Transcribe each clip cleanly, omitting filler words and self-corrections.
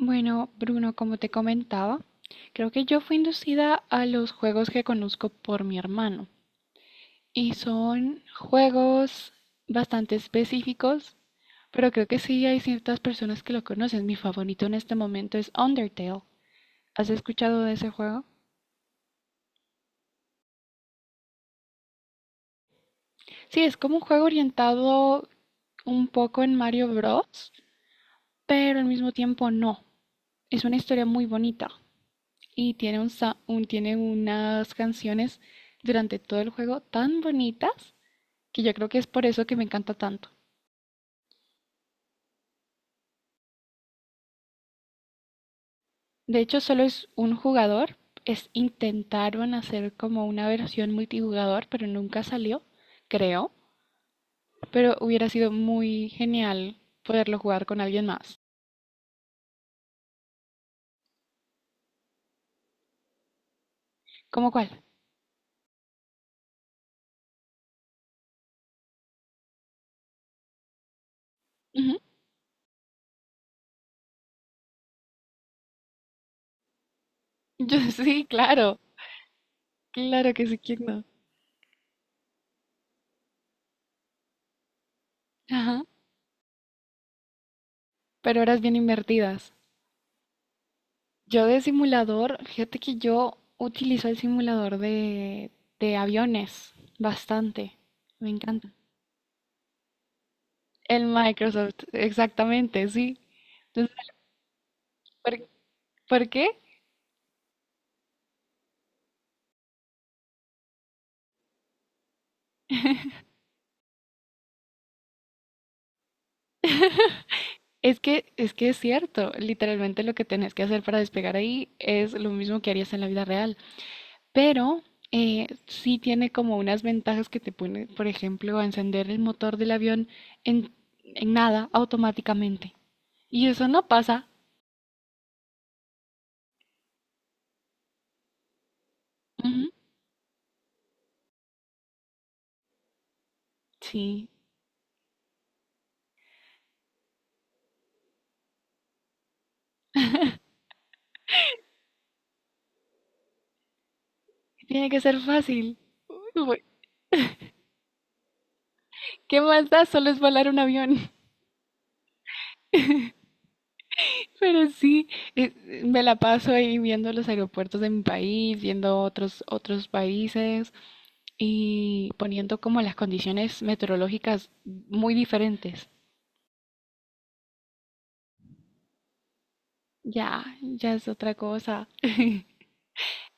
Bueno, Bruno, como te comentaba, creo que yo fui inducida a los juegos que conozco por mi hermano. Y son juegos bastante específicos, pero creo que sí hay ciertas personas que lo conocen. Mi favorito en este momento es Undertale. ¿Has escuchado de ese juego? Sí, es como un juego orientado un poco en Mario Bros, pero al mismo tiempo no. Es una historia muy bonita. Y tiene, tiene unas canciones durante todo el juego tan bonitas que yo creo que es por eso que me encanta tanto. De hecho, solo es un jugador, es intentaron hacer como una versión multijugador, pero nunca salió, creo, pero hubiera sido muy genial poderlo jugar con alguien más. ¿Cómo cuál? Ujú. Yo sí, claro, claro que sí, quién no. Ajá, pero horas bien invertidas. Yo de simulador, fíjate que yo utilizo el simulador de aviones bastante. Me encanta. El Microsoft, exactamente, sí. Entonces, ¿por, ¿por qué? Es que es cierto, literalmente lo que tenés que hacer para despegar ahí es lo mismo que harías en la vida real, pero sí tiene como unas ventajas que te pone, por ejemplo, a encender el motor del avión en, en nada automáticamente. Y eso no pasa. Ujú. Sí, tiene que ser fácil. ¿Qué más da? Solo es volar un avión. Pero sí, eh, me la paso ahí viendo los aeropuertos de mi país, viendo otros, otros países y poniendo como las condiciones meteorológicas muy diferentes. Ya, ya es otra cosa.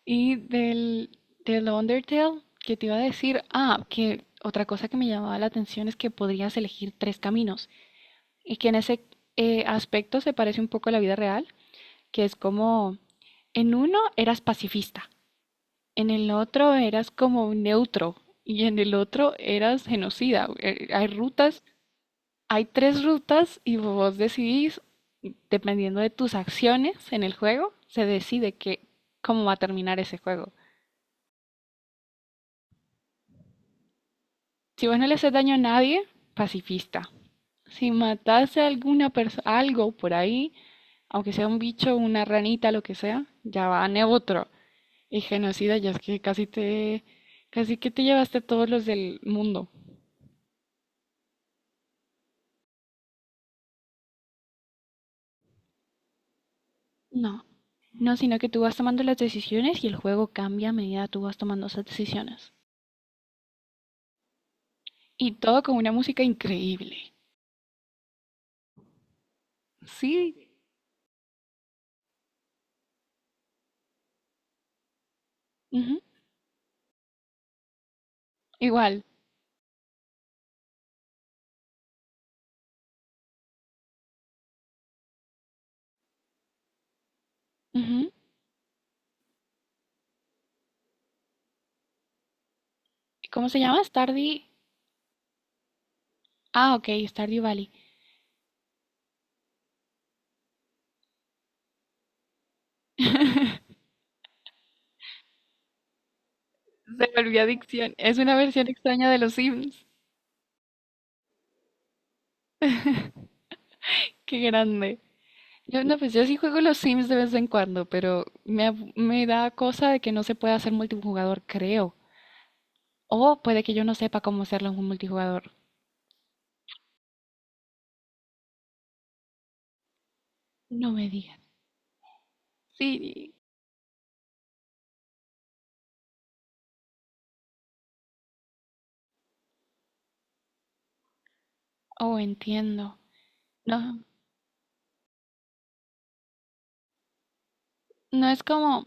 Y del, del Undertale, que te iba a decir, ah, que otra cosa que me llamaba la atención es que podrías elegir tres caminos y que en ese aspecto se parece un poco a la vida real que es como, en uno eras pacifista, en el otro eras como un neutro y en el otro eras genocida. Hay rutas, hay tres rutas y vos decidís, dependiendo de tus acciones en el juego, se decide que, cómo va a terminar ese juego. Si vos no le haces daño a nadie, pacifista. Si mataste a alguna persona, algo por ahí, aunque sea un bicho, una ranita, lo que sea, ya va a neutro. Y genocida, ya es que casi te, casi que te llevaste a todos los del mundo. No, no, sino que tú vas tomando las decisiones y el juego cambia a medida que tú vas tomando esas decisiones. Y todo con una música increíble. Sí, ujú, igual. Ujú. ¿Cómo se llama? Stardew. Ah, ok, Stardew Valley. Se volvió adicción. Es una versión extraña de los Sims. Qué grande. Yo, no, pues yo sí juego los Sims de vez en cuando, pero me, me da cosa de que no se pueda hacer multijugador, creo. O puede que yo no sepa cómo hacerlo en un multijugador. No me digas. Sí. Oh, entiendo. No, no es como...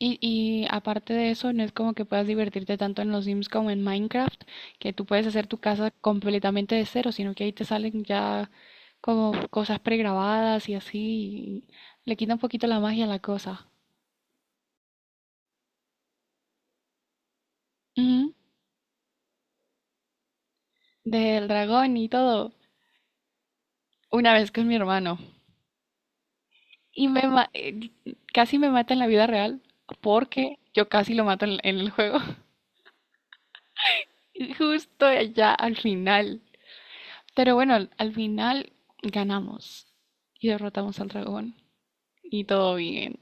Y, y aparte de eso, no es como que puedas divertirte tanto en los Sims como en Minecraft, que tú puedes hacer tu casa completamente de cero, sino que ahí te salen ya como cosas pregrabadas y así, y le quita un poquito la magia a la cosa. Ujú. Del dragón y todo. Una vez con mi hermano. Y me casi me mata en la vida real porque yo casi lo mato en el juego. Y justo allá al final. Pero bueno, al final ganamos y derrotamos al dragón. Y todo bien.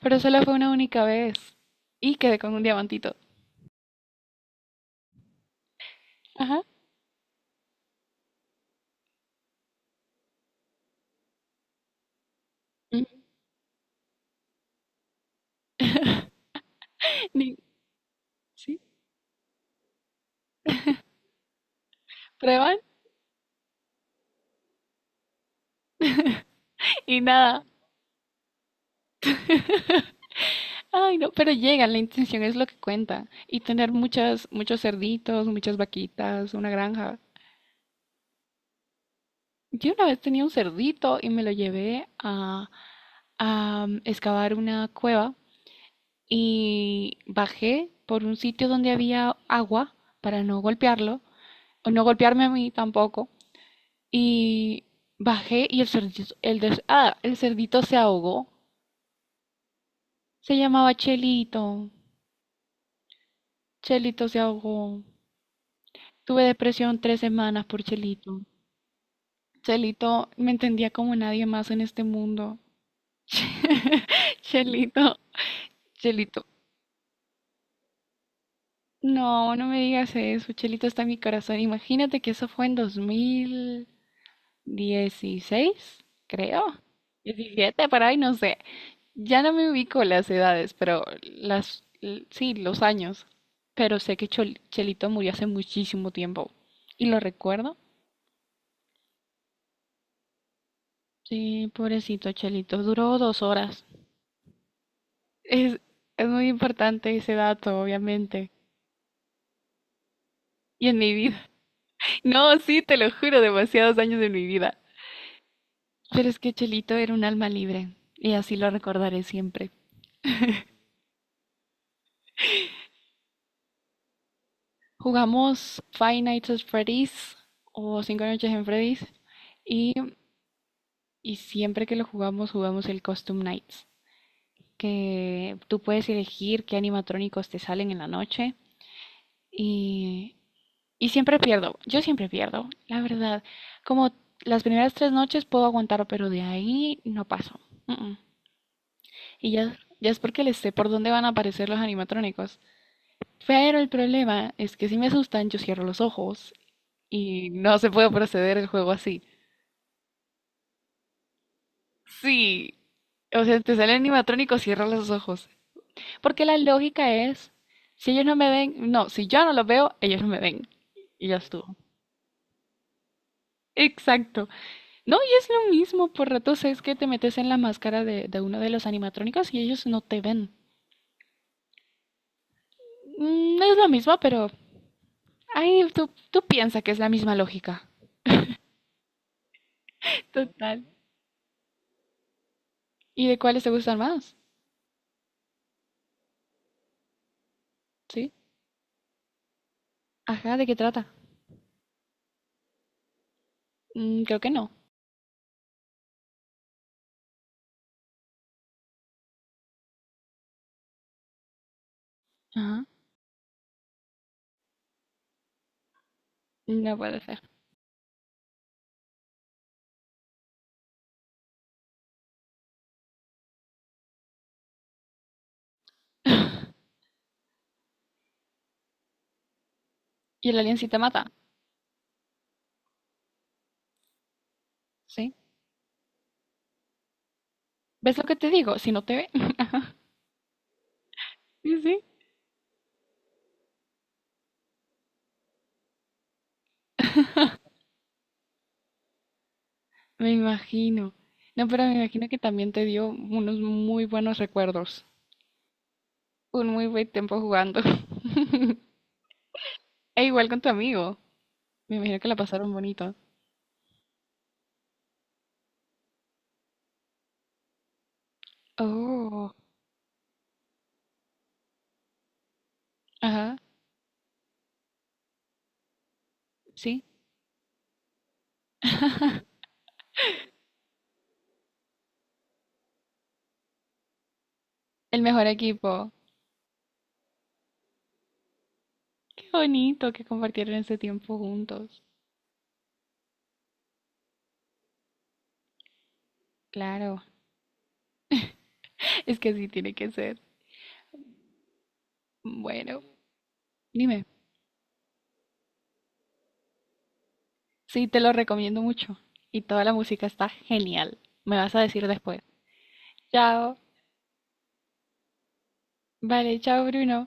Pero solo fue una única vez. Y quedé con un diamantito. Ajá. Mm. Ni- ¿Sí? Prueban y nada. Ay, no, pero llegan, la intención es lo que cuenta. Y tener muchas, muchos cerditos, muchas vaquitas, una granja. Yo una vez tenía un cerdito y me lo llevé a excavar una cueva y bajé por un sitio donde había agua para no golpearlo, o no golpearme a mí tampoco, y bajé y el cerdito, el cerdito se ahogó. Se llamaba Chelito. Chelito se ahogó. Tuve depresión 3 semanas por Chelito. Chelito me entendía como nadie más en este mundo. Chelito, Chelito, no, no me digas eso, Chelito está en mi corazón. Imagínate que eso fue en 2016, creo. 17, por ahí, no sé. Ya no me ubico las edades, pero las, sí, los años. Pero sé que Chelito murió hace muchísimo tiempo. ¿Y lo recuerdo? Sí, pobrecito Chelito, duró 2 horas. Es, es muy importante ese dato, obviamente. Y en mi vida. No, sí, te lo juro, demasiados años de mi vida. Pero es que Chelito era un alma libre y así lo recordaré siempre. Jugamos Five Nights at Freddy's o Cinco Noches en Freddy's y, y siempre que lo jugamos jugamos el Costume Nights, que tú puedes elegir qué animatrónicos te salen en la noche y, y siempre pierdo, yo siempre pierdo, la verdad. Como las primeras tres noches puedo aguantar, pero de ahí no paso. Mm, mm. Y ya, ya es porque les sé por dónde van a aparecer los animatrónicos. Pero el problema es que si me asustan, yo cierro los ojos y no se puede proceder el juego así. Sí. O sea, te sale animatrónico, cierra los ojos. Porque la lógica es, si ellos no me ven, no, si yo no los veo, ellos no me ven. Y ya estuvo. Exacto. No, y es lo mismo, por ratos es que te metes en la máscara de uno de los animatrónicos y ellos no te ven. Mm, es lo mismo, pero ahí tú piensas que es la misma lógica. Total. ¿Y de cuáles te gustan más? ¿Sí? Ajá, ¿de qué trata? Mm, creo que no. Ajá. No puede ser. Y el alien sí te mata, ¿sí? ¿Ves lo que te digo? Si no te ve. Ajá. Sí, sí. Me imagino. No, pero me imagino que también te dio unos muy buenos recuerdos. Un muy buen tiempo jugando. E igual con tu amigo. Me imagino que la pasaron bonito. Oh, ajá, sí. El mejor equipo. Qué bonito que compartieron ese tiempo juntos. Claro. Es que así tiene que ser. Bueno, dime. Sí, te lo recomiendo mucho. Y toda la música está genial. Me vas a decir después. Chao. Vale, chao, Bruno.